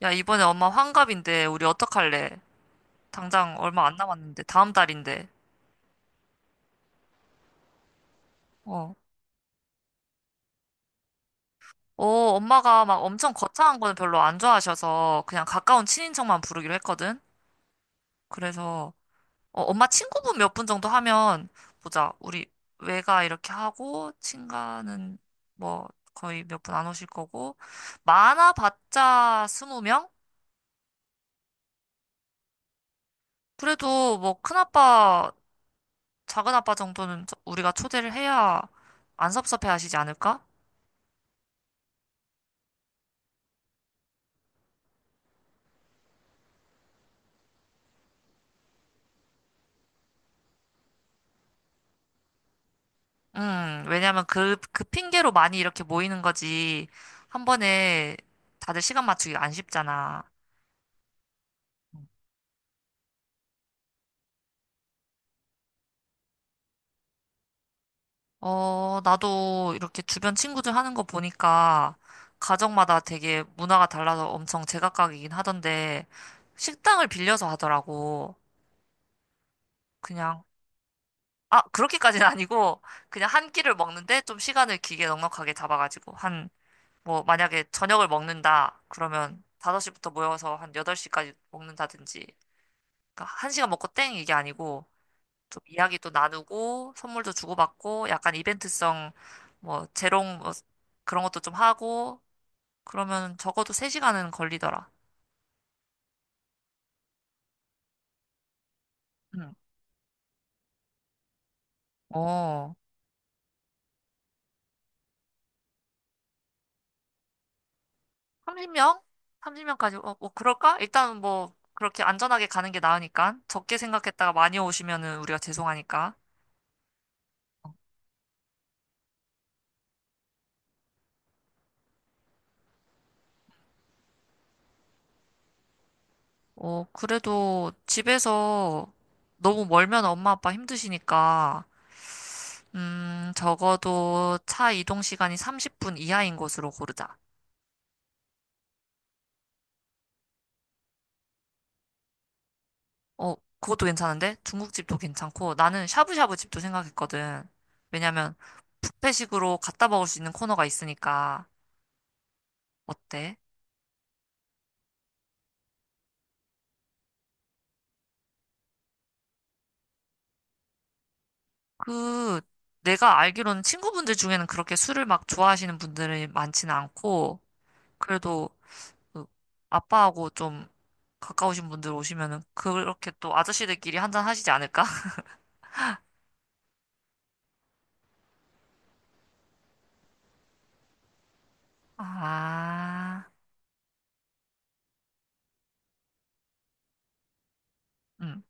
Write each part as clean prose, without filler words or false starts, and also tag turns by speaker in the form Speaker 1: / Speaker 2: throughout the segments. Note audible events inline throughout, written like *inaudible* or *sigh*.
Speaker 1: 야, 이번에 엄마 환갑인데, 우리 어떡할래? 당장 얼마 안 남았는데, 다음 달인데. 어. 어, 엄마가 막 엄청 거창한 거는 별로 안 좋아하셔서, 그냥 가까운 친인척만 부르기로 했거든? 그래서, 어, 엄마 친구분 몇 분 정도 하면, 보자. 우리 외가 이렇게 하고, 친가는 뭐, 거의 몇 분 안 오실 거고, 많아봤자 20명? 그래도 뭐, 큰아빠, 작은아빠 정도는 우리가 초대를 해야 안 섭섭해 하시지 않을까? 왜냐면 그 핑계로 많이 이렇게 모이는 거지. 한 번에 다들 시간 맞추기 안 쉽잖아. 어, 나도 이렇게 주변 친구들 하는 거 보니까 가정마다 되게 문화가 달라서 엄청 제각각이긴 하던데 식당을 빌려서 하더라고. 그냥, 아, 그렇게까지는 *laughs* 아니고 그냥 한 끼를 먹는데 좀 시간을 길게 넉넉하게 잡아가지고 한, 뭐, 만약에 저녁을 먹는다. 그러면 5시부터 모여서 한 8시까지 먹는다든지. 그러니까 한 시간 먹고 땡 이게 아니고 좀 이야기도 나누고 선물도 주고받고 약간 이벤트성 뭐 재롱 뭐 그런 것도 좀 하고 그러면 적어도 3시간은 걸리더라. 응. 어. 30명? 30명까지 어, 뭐 그럴까? 일단 뭐 그렇게 안전하게 가는 게 나으니까 적게 생각했다가 많이 오시면은 우리가 죄송하니까. 어, 그래도 집에서 너무 멀면 엄마 아빠 힘드시니까 적어도 차 이동 시간이 30분 이하인 곳으로 고르자. 어, 그것도 괜찮은데? 중국집도 괜찮고, 나는 샤브샤브 집도 생각했거든. 왜냐면, 뷔페식으로 갖다 먹을 수 있는 코너가 있으니까, 어때? 그, 내가 알기로는 친구분들 중에는 그렇게 술을 막 좋아하시는 분들이 많지는 않고, 그래도, 그 아빠하고 좀 가까우신 분들 오시면은, 그렇게 또 아저씨들끼리 한잔 하시지 않을까? *laughs* 아, 음.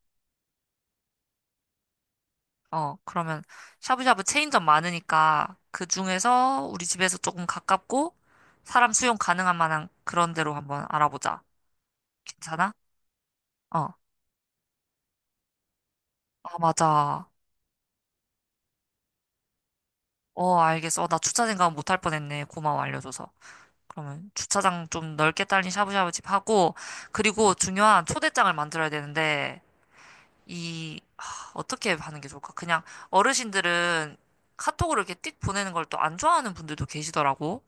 Speaker 1: 어, 그러면 샤브샤브 체인점 많으니까 그 중에서 우리 집에서 조금 가깝고 사람 수용 가능한 만한 그런 데로 한번 알아보자. 괜찮아? 어. 아, 맞아. 어, 알겠어. 어, 나 주차 생각 못할 뻔했네. 고마워, 알려줘서. 그러면 주차장 좀 넓게 딸린 샤브샤브 집 하고, 그리고 중요한 초대장을 만들어야 되는데, 이, 하, 어떻게 하는 게 좋을까? 그냥 어르신들은 카톡으로 이렇게 띡 보내는 걸 또 안 좋아하는 분들도 계시더라고.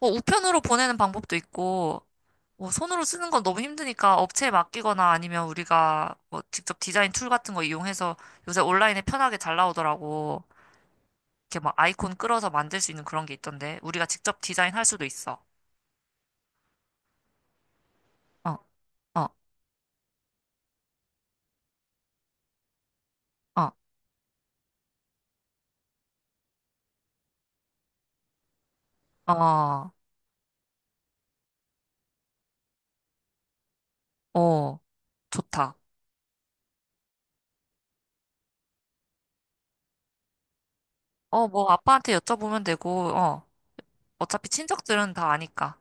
Speaker 1: 뭐 우편으로 보내는 방법도 있고, 뭐 손으로 쓰는 건 너무 힘드니까 업체에 맡기거나 아니면 우리가 뭐 직접 디자인 툴 같은 거 이용해서 요새 온라인에 편하게 잘 나오더라고. 이렇게 막 아이콘 끌어서 만들 수 있는 그런 게 있던데, 우리가 직접 디자인할 수도 있어. 어, 어, 어, 어, 어, 좋다. 어, 뭐 아빠한테 여쭤보면 되고, 어, 어차피 친척들은 다 아니까.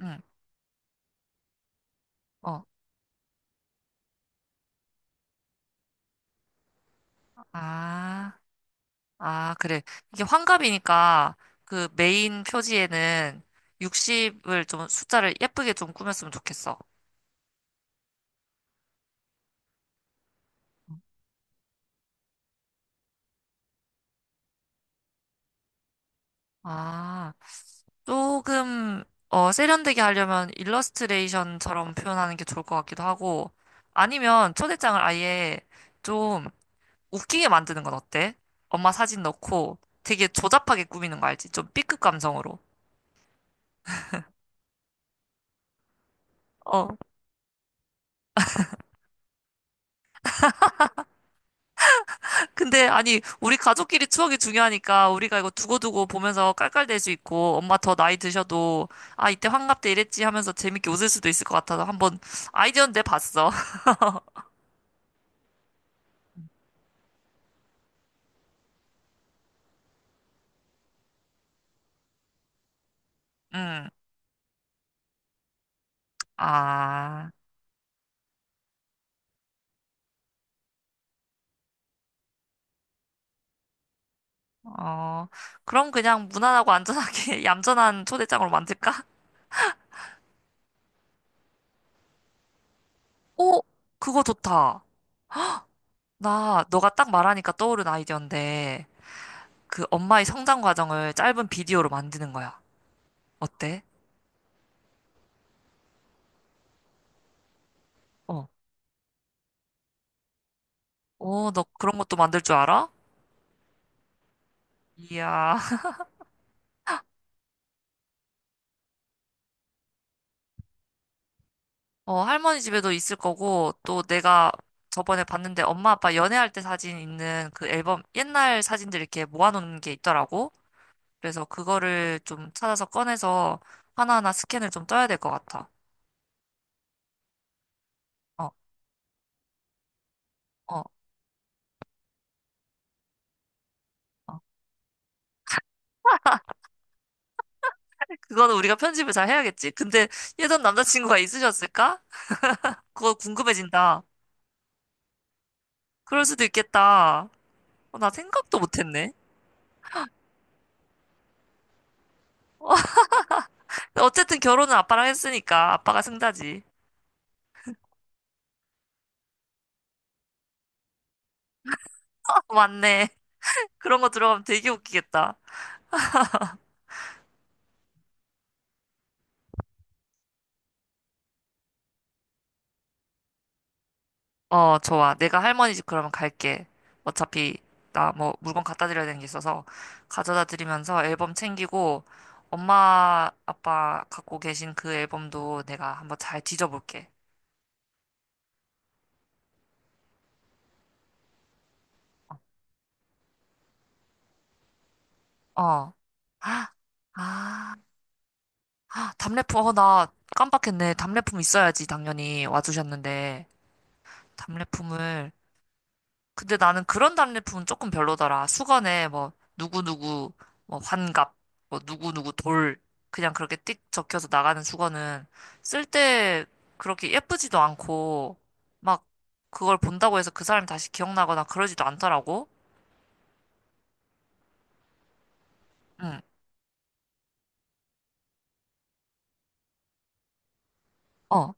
Speaker 1: 응, 어, 아. 아, 그래. 이게 환갑이니까 그 메인 표지에는 60을 좀 숫자를 예쁘게 좀 꾸몄으면 좋겠어. 아, 조금 어, 세련되게 하려면 일러스트레이션처럼 표현하는 게 좋을 것 같기도 하고 아니면 초대장을 아예 좀 웃기게 만드는 건 어때? 엄마 사진 넣고 되게 조잡하게 꾸미는 거 알지? 좀 B급 감성으로. 어. 근데 아니 우리 가족끼리 추억이 중요하니까 우리가 이거 두고두고 보면서 깔깔댈 수 있고 엄마 더 나이 드셔도 아 이때 환갑 때 이랬지 하면서 재밌게 웃을 수도 있을 것 같아서 한번 아이디어는 내봤어. *laughs* 응. 아, 어, 그럼 그냥 무난하고 안전하게 *laughs* 얌전한 초대장으로 만들까? 오, 그거 좋다. 나 너가 딱 말하니까 떠오른 아이디어인데 그 엄마의 성장 과정을 짧은 비디오로 만드는 거야. 어때? 어. 오, 너 그런 것도 만들 줄 알아? 이야. 어, 할머니 집에도 있을 거고, 또 내가 저번에 봤는데 엄마 아빠 연애할 때 사진 있는 그 앨범, 옛날 사진들 이렇게 모아놓은 게 있더라고. 그래서 그거를 좀 찾아서 꺼내서 하나하나 스캔을 좀 떠야 될 것 같아. 어, 어. 그거는 우리가 편집을 잘 해야겠지. 근데 예전 남자친구가 있으셨을까? 그거 궁금해진다. 그럴 수도 있겠다. 어, 나 생각도 못했네. 근데 어쨌든 결혼은 아빠랑 했으니까 아빠가 승자지. *laughs* 맞네. 그런 거 들어가면 되게 웃기겠다. 어, 좋아. 내가 할머니 집 그러면 갈게. 어차피 나 뭐 물건 갖다 드려야 되는 게 있어서 가져다 드리면서 앨범 챙기고 엄마 아빠 갖고 계신 그 앨범도 내가 한번 잘 뒤져볼게. 어. 아, 답례품. 어, 나 깜빡했네. 답례품 있어야지 당연히 와주셨는데 답례품을 근데 나는 그런 답례품은 조금 별로더라. 수건에 뭐 누구누구 뭐 환갑 뭐 누구누구 돌 그냥 그렇게 띡 적혀서 나가는 수건은 쓸 때 그렇게 예쁘지도 않고 막 그걸 본다고 해서 그 사람이 다시 기억나거나 그러지도 않더라고. 응. 어.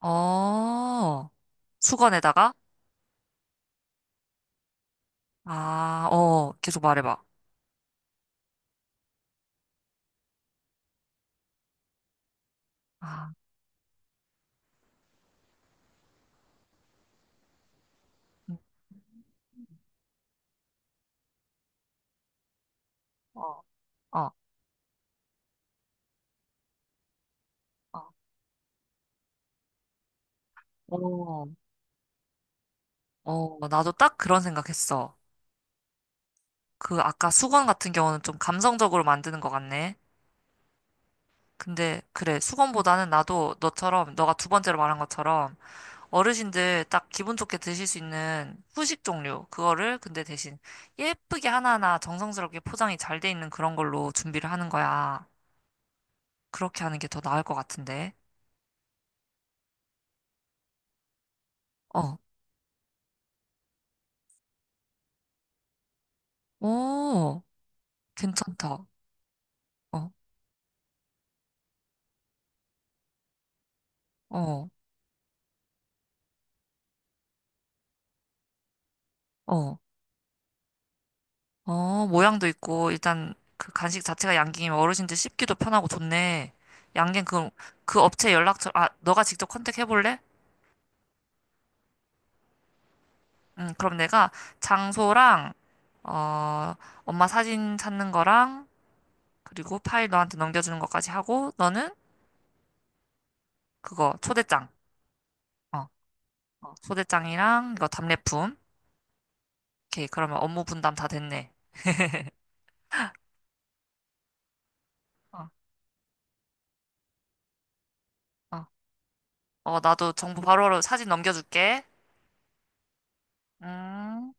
Speaker 1: 어. 수건에다가 아, 어. 계속 말해 봐. 아. 음. 어. 어. 어. 어. 어. 나도 딱 그런 생각했어. 그 아까 수건 같은 경우는 좀 감성적으로 만드는 것 같네. 근데 그래, 수건보다는 나도 너처럼, 너가 두 번째로 말한 것처럼 어르신들 딱 기분 좋게 드실 수 있는 후식 종류, 그거를 근데 대신 예쁘게 하나하나 정성스럽게 포장이 잘 돼 있는 그런 걸로 준비를 하는 거야. 그렇게 하는 게 더 나을 것 같은데. 어, 오, 괜찮다. 어, 어, 어. 어, 모양도 있고, 일단 그 간식 자체가 양갱이면 어르신들 씹기도 편하고 좋네. 양갱 그, 그 업체 연락처, 아, 너가 직접 컨택해볼래? 응, 그럼 내가 장소랑, 어, 엄마 사진 찾는 거랑, 그리고 파일 너한테 넘겨주는 것까지 하고, 너는 그거 초대장. 어, 어, 초대장이랑 이거 답례품. 오케이, 그러면 업무 분담 다 됐네. 어, 어, 어, 나도 정보 바로바로 사진 넘겨줄게. 음.